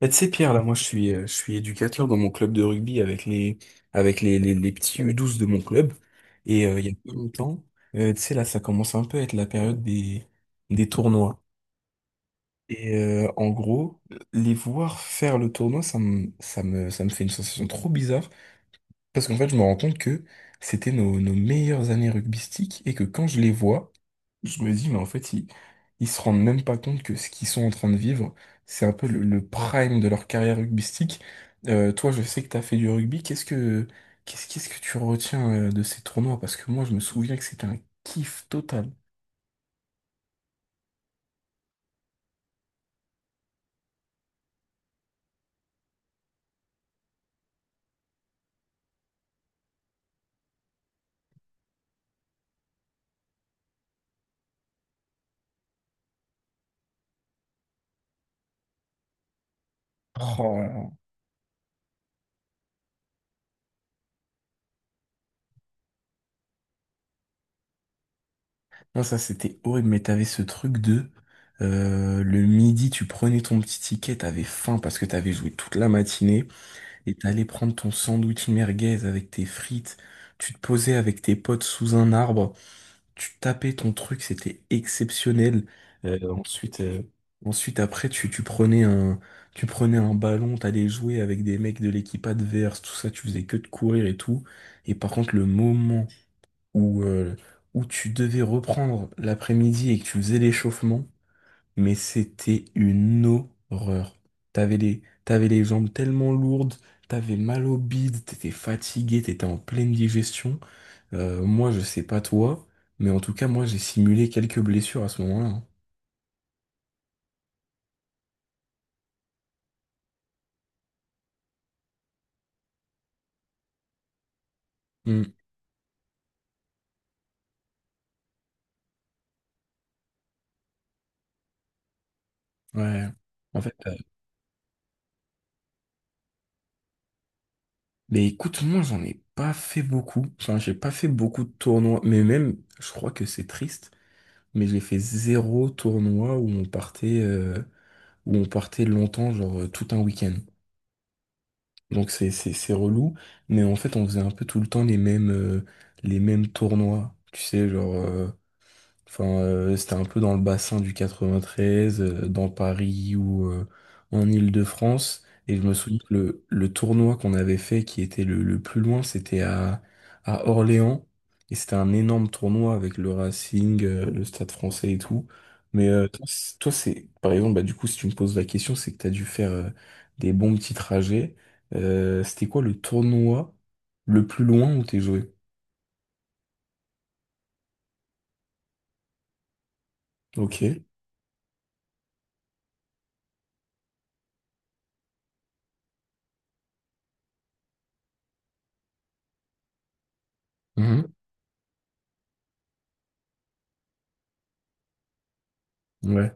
Bah, tu sais, Pierre, là, moi, je suis éducateur dans mon club de rugby avec les petits U12 de mon club. Et il y a pas longtemps, tu sais, là, ça commence un peu à être la période des tournois. Et en gros, les voir faire le tournoi, ça me fait une sensation trop bizarre. Parce qu'en fait, je me rends compte que c'était nos meilleures années rugbystiques et que quand je les vois, je me dis, mais en fait, ils se rendent même pas compte que ce qu'ils sont en train de vivre, c'est un peu le prime de leur carrière rugbystique. Toi, je sais que t'as fait du rugby. Qu'est-ce que tu retiens de ces tournois? Parce que moi, je me souviens que c'était un kiff total. Oh là là. Non, ça, c'était horrible, mais t'avais ce truc de, le midi, tu prenais ton petit ticket, t'avais faim parce que t'avais joué toute la matinée. Et t'allais prendre ton sandwich merguez avec tes frites, tu te posais avec tes potes sous un arbre, tu tapais ton truc, c'était exceptionnel. Euh, ensuite, euh, ensuite après, tu prenais un ballon, t'allais jouer avec des mecs de l'équipe adverse, tout ça, tu faisais que de courir et tout. Et par contre, le moment où, euh, où tu devais reprendre l'après-midi et que tu faisais l'échauffement, mais c'était une horreur. T'avais les jambes tellement lourdes, t'avais mal au bide, t'étais fatigué, t'étais en pleine digestion. Moi, je sais pas toi, mais en tout cas, moi, j'ai simulé quelques blessures à ce moment-là. Hein. Hmm, ouais. En fait, euh, mais écoute, moi, j'en ai pas fait beaucoup. Enfin, j'ai pas fait beaucoup de tournois, mais même, je crois que c'est triste, mais j'ai fait zéro tournoi où on partait longtemps, genre tout un week-end. Donc c'est relou, mais en fait on faisait un peu tout le temps les mêmes tournois, tu sais genre enfin, c'était un peu dans le bassin du 93, dans Paris ou en Île-de-France. Et je me souviens que le tournoi qu'on avait fait, qui était le plus loin, c'était à Orléans. Et c'était un énorme tournoi avec le Racing, le Stade français et tout. Mais toi, c'est, par exemple, bah, du coup, si tu me poses la question, c'est que tu as dû faire des bons petits trajets. C'était quoi le tournoi le plus loin où t'es joué? Ok. Mhm. Ouais.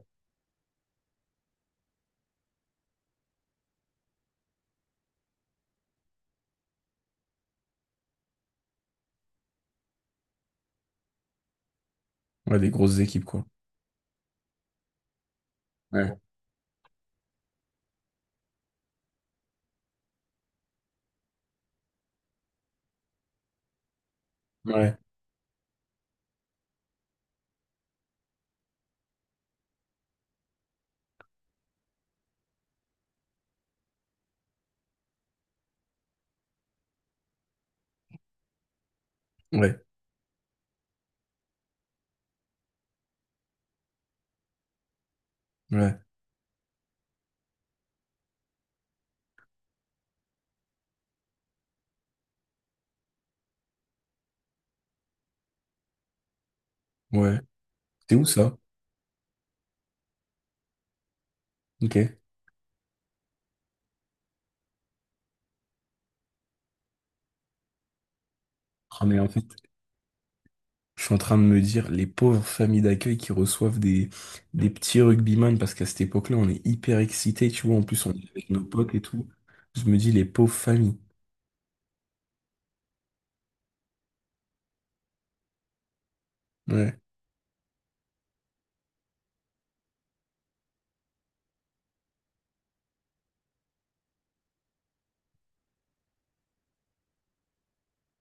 Ouais, des grosses équipes, quoi. Ouais. Ouais, ouais, ouais, ouais. C'est où ça? Ok. Ah, mais en fait, je suis en train de me dire, les pauvres familles d'accueil qui reçoivent des petits rugbyman, parce qu'à cette époque-là, on est hyper excités, tu vois, en plus, on est avec nos potes et tout. Je me dis, les pauvres familles. Ouais,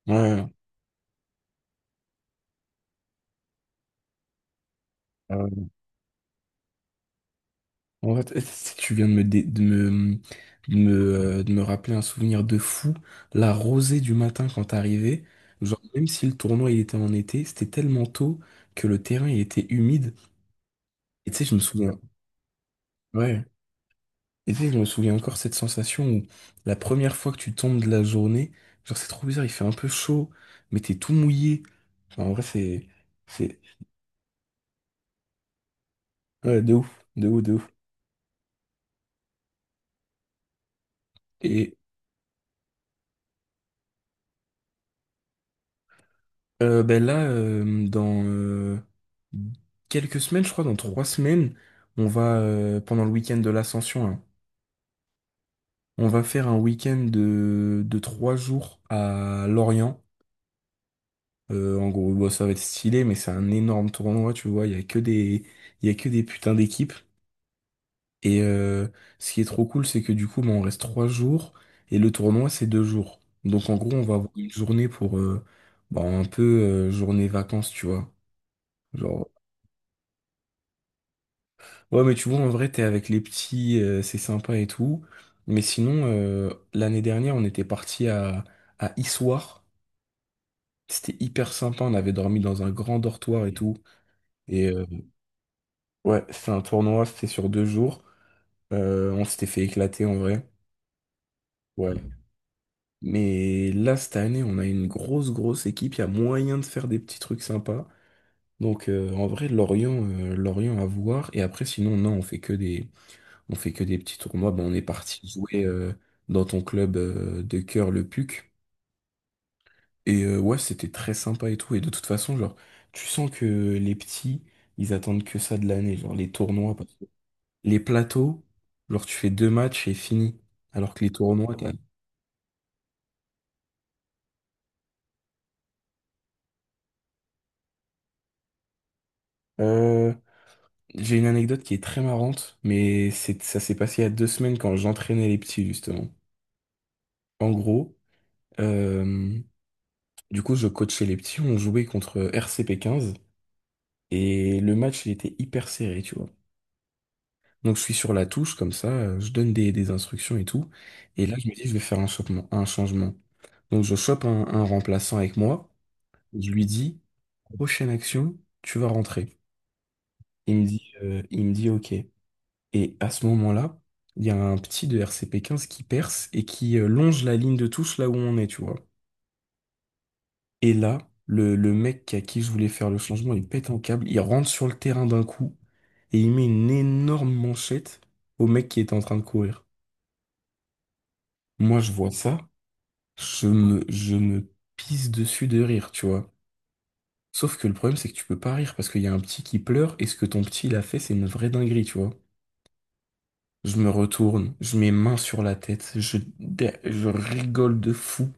ouais. euh, en fait, si tu viens de me, dé- de me, de me, de me rappeler un souvenir de fou. La rosée du matin quand t'arrivais, genre, même si le tournoi il était en été, c'était tellement tôt que le terrain il était humide. Et tu sais, je me souviens. Ouais. Et tu sais, je me souviens encore cette sensation où la première fois que tu tombes de la journée, genre c'est trop bizarre, il fait un peu chaud, mais t'es tout mouillé. Enfin, en vrai, c'est, ouais, de ouf, de ouf, de ouf. Et ben là, dans quelques semaines, je crois, dans 3 semaines, on va, pendant le week-end de l'Ascension, hein, on va faire un week-end de 3 jours à Lorient. En gros, bon, ça va être stylé, mais c'est un énorme tournoi, tu vois, il y a que des, il y a que des putains d'équipes. Et ce qui est trop cool, c'est que du coup, bah, on reste 3 jours et le tournoi, c'est 2 jours. Donc en gros, on va avoir une journée pour bah, un peu journée vacances, tu vois. Genre, ouais, mais tu vois, en vrai, t'es avec les petits, c'est sympa et tout. Mais sinon, l'année dernière, on était parti à Issoire. C'était hyper sympa. On avait dormi dans un grand dortoir et tout. Et ouais, c'est un tournoi, c'était sur 2 jours. On s'était fait éclater en vrai. Ouais. Mais là, cette année, on a une grosse, grosse équipe. Il y a moyen de faire des petits trucs sympas. Donc, en vrai, Lorient, à voir. Et après, sinon, non, on fait que des petits tournois. Ben, on est parti jouer dans ton club de cœur, le PUC. Et ouais, c'était très sympa et tout. Et de toute façon, genre, tu sens que les petits, ils attendent que ça de l'année. Genre, les tournois, parce que les plateaux, genre, tu fais deux matchs et fini. Alors que les tournois, t'as. J'ai une anecdote qui est très marrante, ça s'est passé il y a 2 semaines quand j'entraînais les petits, justement. En gros, euh, du coup, je coachais les petits, on jouait contre RCP 15, et le match, il était hyper serré, tu vois. Donc, je suis sur la touche, comme ça, je donne des instructions et tout, et là, je me dis, je vais faire un changement. Donc, je chope un remplaçant avec moi, je lui dis, prochaine action, tu vas rentrer. Il me dit, OK. Et à ce moment-là, il y a un petit de RCP 15 qui perce et qui longe la ligne de touche là où on est, tu vois. Et là, le mec à qui je voulais faire le changement, il pète un câble, il rentre sur le terrain d'un coup et il met une énorme manchette au mec qui était en train de courir. Moi, je vois ça, je me pisse dessus de rire, tu vois. Sauf que le problème, c'est que tu peux pas rire parce qu'il y a un petit qui pleure et ce que ton petit, il a fait, c'est une vraie dinguerie, tu vois. Je me retourne, je mets main sur la tête, je rigole de fou.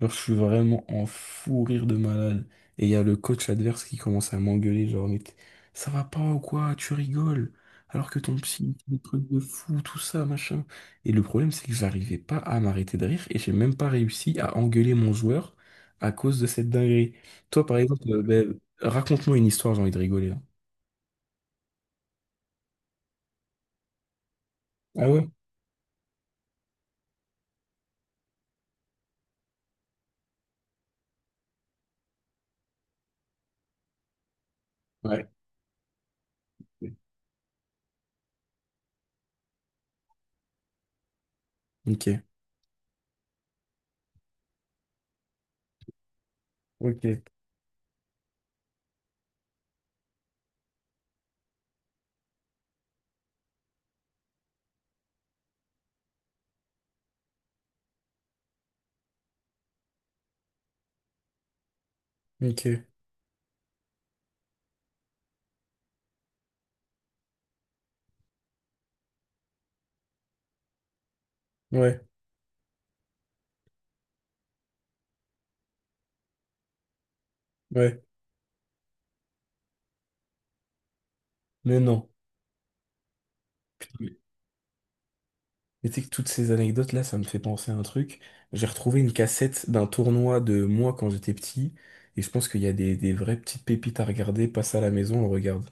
Genre, je suis vraiment en fou rire de malade. Et il y a le coach adverse qui commence à m'engueuler, genre, ça va pas ou quoi, tu rigoles. Alors que ton psy, il dit des trucs de fou, tout ça, machin. Et le problème, c'est que j'arrivais pas à m'arrêter de rire et j'ai même pas réussi à engueuler mon joueur à cause de cette dinguerie. Toi, par exemple, ben, raconte-moi une histoire, j'ai envie de rigoler, là. Ah ouais? Ouais. Ok. Ok. Ok. Ouais. Ouais, mais non. Putain, mais tu sais que toutes ces anecdotes-là, ça me fait penser à un truc. J'ai retrouvé une cassette d'un tournoi de moi quand j'étais petit, et je pense qu'il y a des vraies petites pépites à regarder. Passe à la maison, on regarde.